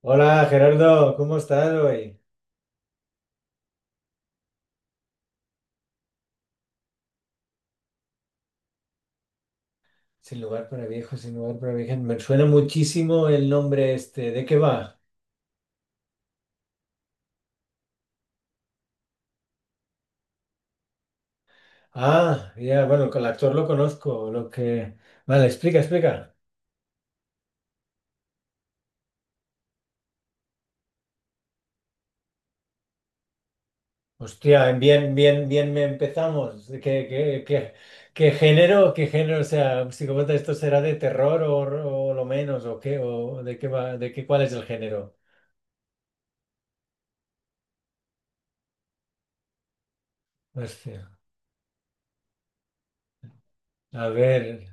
Hola Gerardo, ¿cómo estás hoy? Sin lugar para viejos, sin lugar para viejas. Me suena muchísimo el nombre este. ¿De qué va? Ah, ya, bueno, el actor lo conozco. Lo que... Vale, explica, explica. Hostia, bien, bien, bien me empezamos. ¿Qué género? ¿Qué género? O sea, psicópata, ¿esto será de terror o lo menos? ¿O qué? ¿O de qué va? ¿De qué cuál es el género? Hostia. A ver.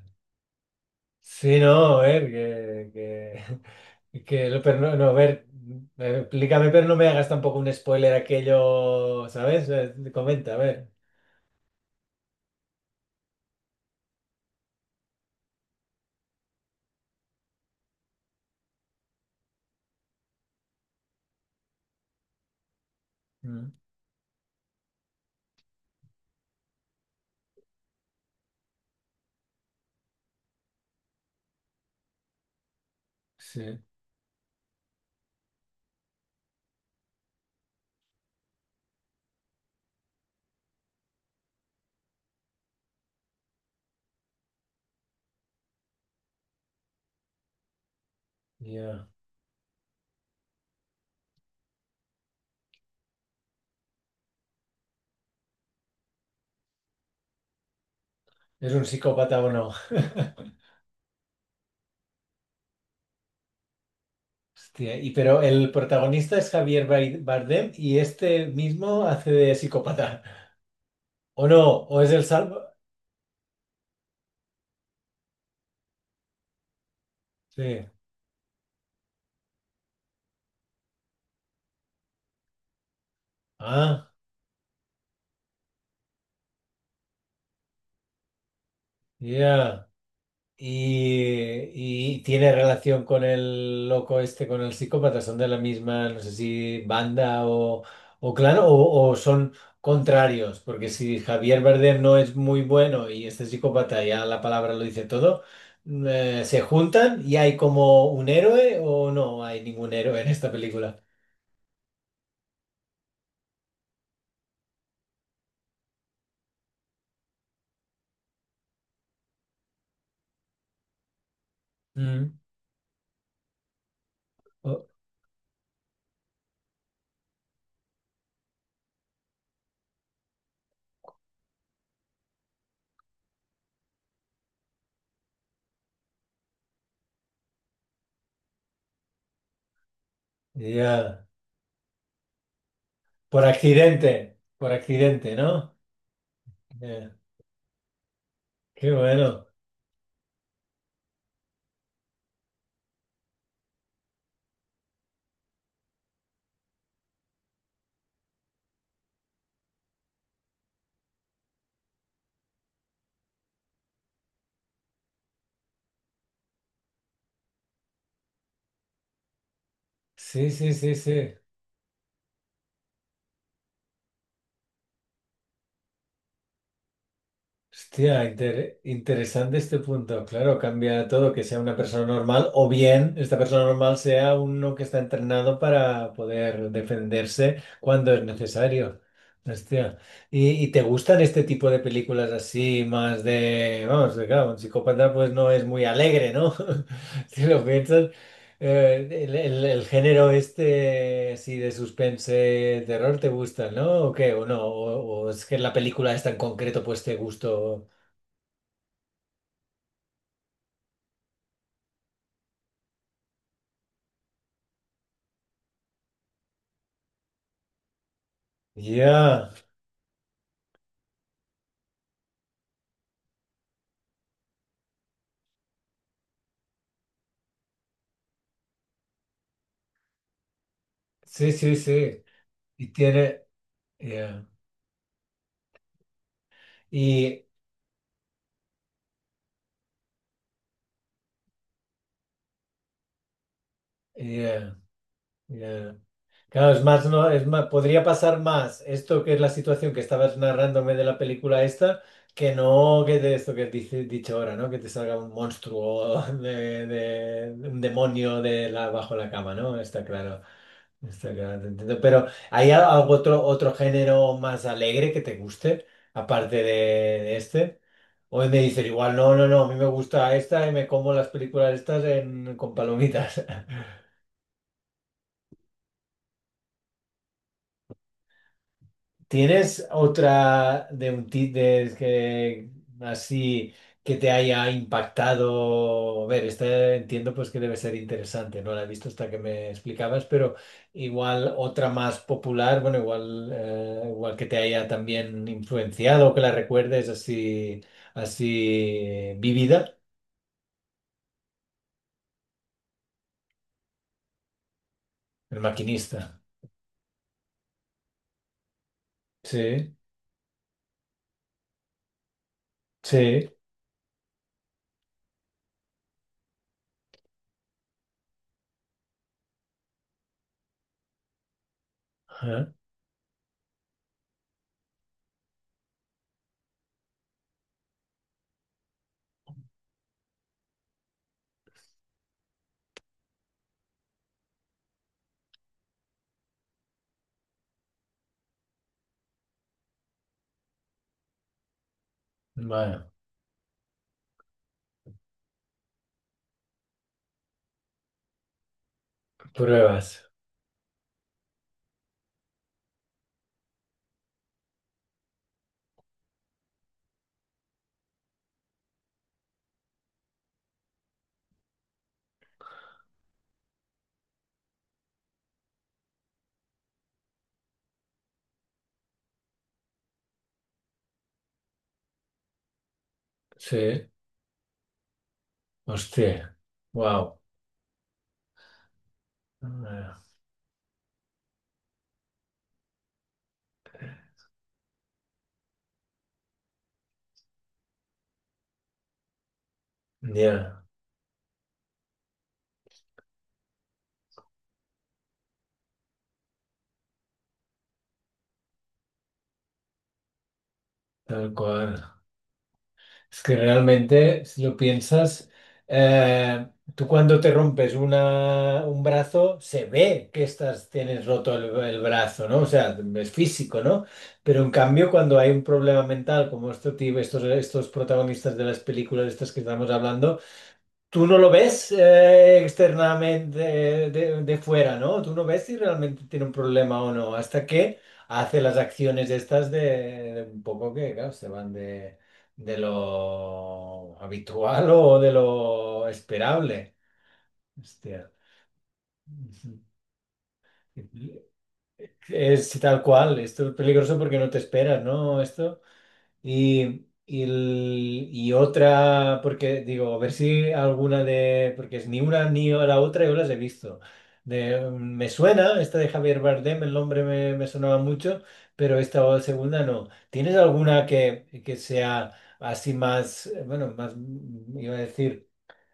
Sí, no, a ver, que, que lo- pero no, no, a ver, explícame, pero no me hagas tampoco un spoiler aquello, ¿sabes? Comenta, a ver. Mm, sí, ya. ¿Es un psicópata o no? Hostia, y pero el protagonista es Bardem y este mismo hace de psicópata. ¿O no? ¿O es el salvo? Sí. Ah, ya. Y tiene relación con el loco este, con el psicópata, son de la misma, no sé si banda o clan, o son contrarios, porque si Javier Bardem no es muy bueno y este psicópata ya la palabra lo dice todo, ¿se juntan y hay como un héroe o no hay ningún héroe en esta película? Mm. Oh, ya. Por accidente, ¿no? Ya. Qué bueno. Sí, sí, sí, sí. Hostia, interesante este punto. Claro, cambia todo, que sea una persona normal o bien esta persona normal sea uno que está entrenado para poder defenderse cuando es necesario. Hostia. Y te gustan este tipo de películas así, más de, vamos, de, claro, un psicópata pues no es muy alegre, ¿no? Si lo piensas, el género este, así de suspense, terror, ¿te gusta, no? ¿O qué? ¿O no? O es que la película esta en concreto pues te gustó? Ya, sí, sí, sí. Y tiene, ya. Y, ya, ya. Claro, es más, no, es más, podría pasar más esto que es la situación que estabas narrándome de la película esta, que no que de esto que dice dicho ahora, ¿no? Que te salga un monstruo de, un demonio de la, bajo la cama, ¿no? Está claro. Está claro, te entiendo. Pero ¿hay algo otro, otro género más alegre que te guste, aparte de este? O me dices igual, no, no, no, a mí me gusta esta y me como las películas estas con palomitas. ¿Tienes otra de un de que así que te haya impactado? A ver, esta entiendo pues que debe ser interesante, no la he visto hasta que me explicabas, pero igual otra más popular, bueno, igual, igual que te haya también influenciado, que la recuerdes así, así vivida, el maquinista. Sí, sí. Ajá. Bueno, pruebas. Sí. Hostia. Wow. Ya. Tal cual. Es que realmente, si lo piensas, eh, tú cuando te rompes una, un brazo, se ve que estás, tienes roto el brazo, ¿no? O sea, es físico, ¿no? Pero en cambio, cuando hay un problema mental como esto, estos, estos protagonistas de las películas estas que estamos hablando, tú no lo ves externamente de fuera, ¿no? Tú no ves si realmente tiene un problema o no, hasta que hace las acciones estas de un poco que, claro, se van de lo habitual o de lo esperable. Hostia. Ujú. Es tal cual, esto es peligroso porque no te esperas, ¿no? Esto. Y, y otra, porque digo, a ver si alguna de, porque es ni una ni la otra yo las he visto. De, me suena, esta de Javier Bardem, el nombre me, me sonaba mucho, pero esta segunda no. ¿Tienes alguna que sea así más, bueno, más, iba a decir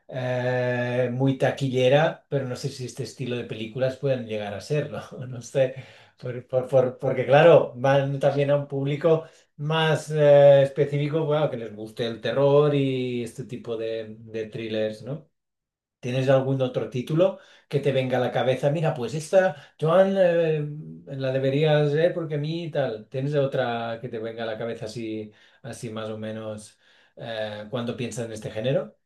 muy taquillera, pero no sé si este estilo de películas pueden llegar a serlo, no sé, porque claro, van también a un público más específico, bueno, que les guste el terror y este tipo de thrillers, ¿no? ¿Tienes algún otro título que te venga a la cabeza? Mira, pues esta, Joan, la deberías ver porque a mí tal. ¿Tienes otra que te venga a la cabeza así, así más o menos cuando piensas en este género?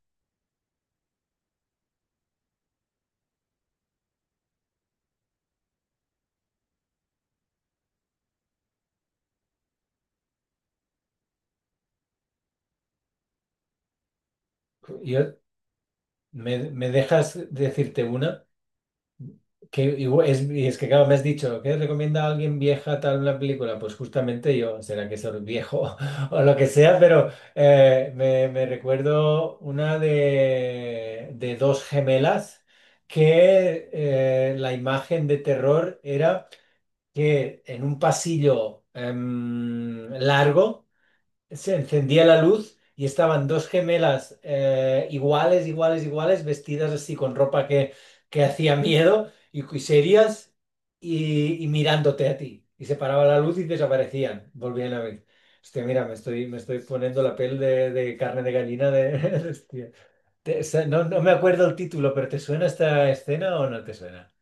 Yo, me dejas decirte una que es, y es que claro, me has dicho, ¿qué recomienda a alguien vieja tal una película? Pues justamente yo, será que soy viejo o lo que sea, pero me, me recuerdo una de dos gemelas que la imagen de terror era que en un pasillo largo se encendía la luz y estaban dos gemelas iguales, iguales, iguales, vestidas así con ropa que hacía miedo y serias y mirándote a ti. Y se paraba la luz y desaparecían, volvían a ver. Hostia, mira, me estoy poniendo la piel de carne de gallina de... de hostia. No, no me acuerdo el título, pero ¿te suena esta escena o no te suena?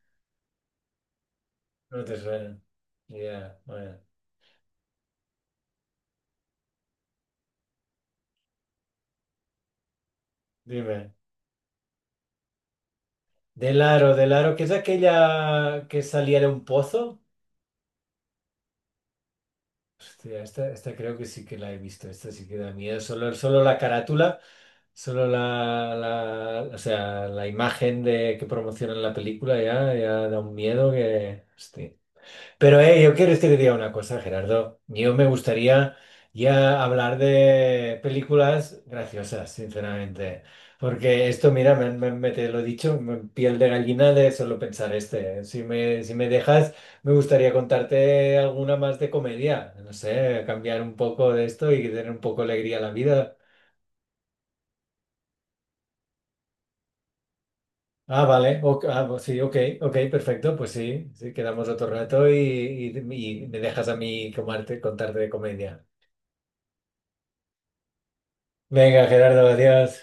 No te suena. Ya, bueno. Dime. Del aro, ¿que es aquella que salía de un pozo? Hostia, esta creo que sí que la he visto. Esta sí que da miedo. Solo, solo la carátula, solo la, o sea, la imagen de que promocionan la película ya, ya da un miedo que. Hostia. Pero yo quiero decir diga una cosa, Gerardo. Yo me gustaría ya hablar de películas graciosas, sinceramente. Porque esto, mira, me, me te lo he dicho, piel de gallina de solo pensar este. ¿Eh? Si me, si me dejas, me gustaría contarte alguna más de comedia. No sé, cambiar un poco de esto y tener un poco de alegría a la vida. Ah, vale. Ok, ah, pues sí, ok, ok, perfecto. Pues sí, sí, quedamos otro rato y, y- y me dejas a mí contarte de comedia. Venga, Gerardo, adiós.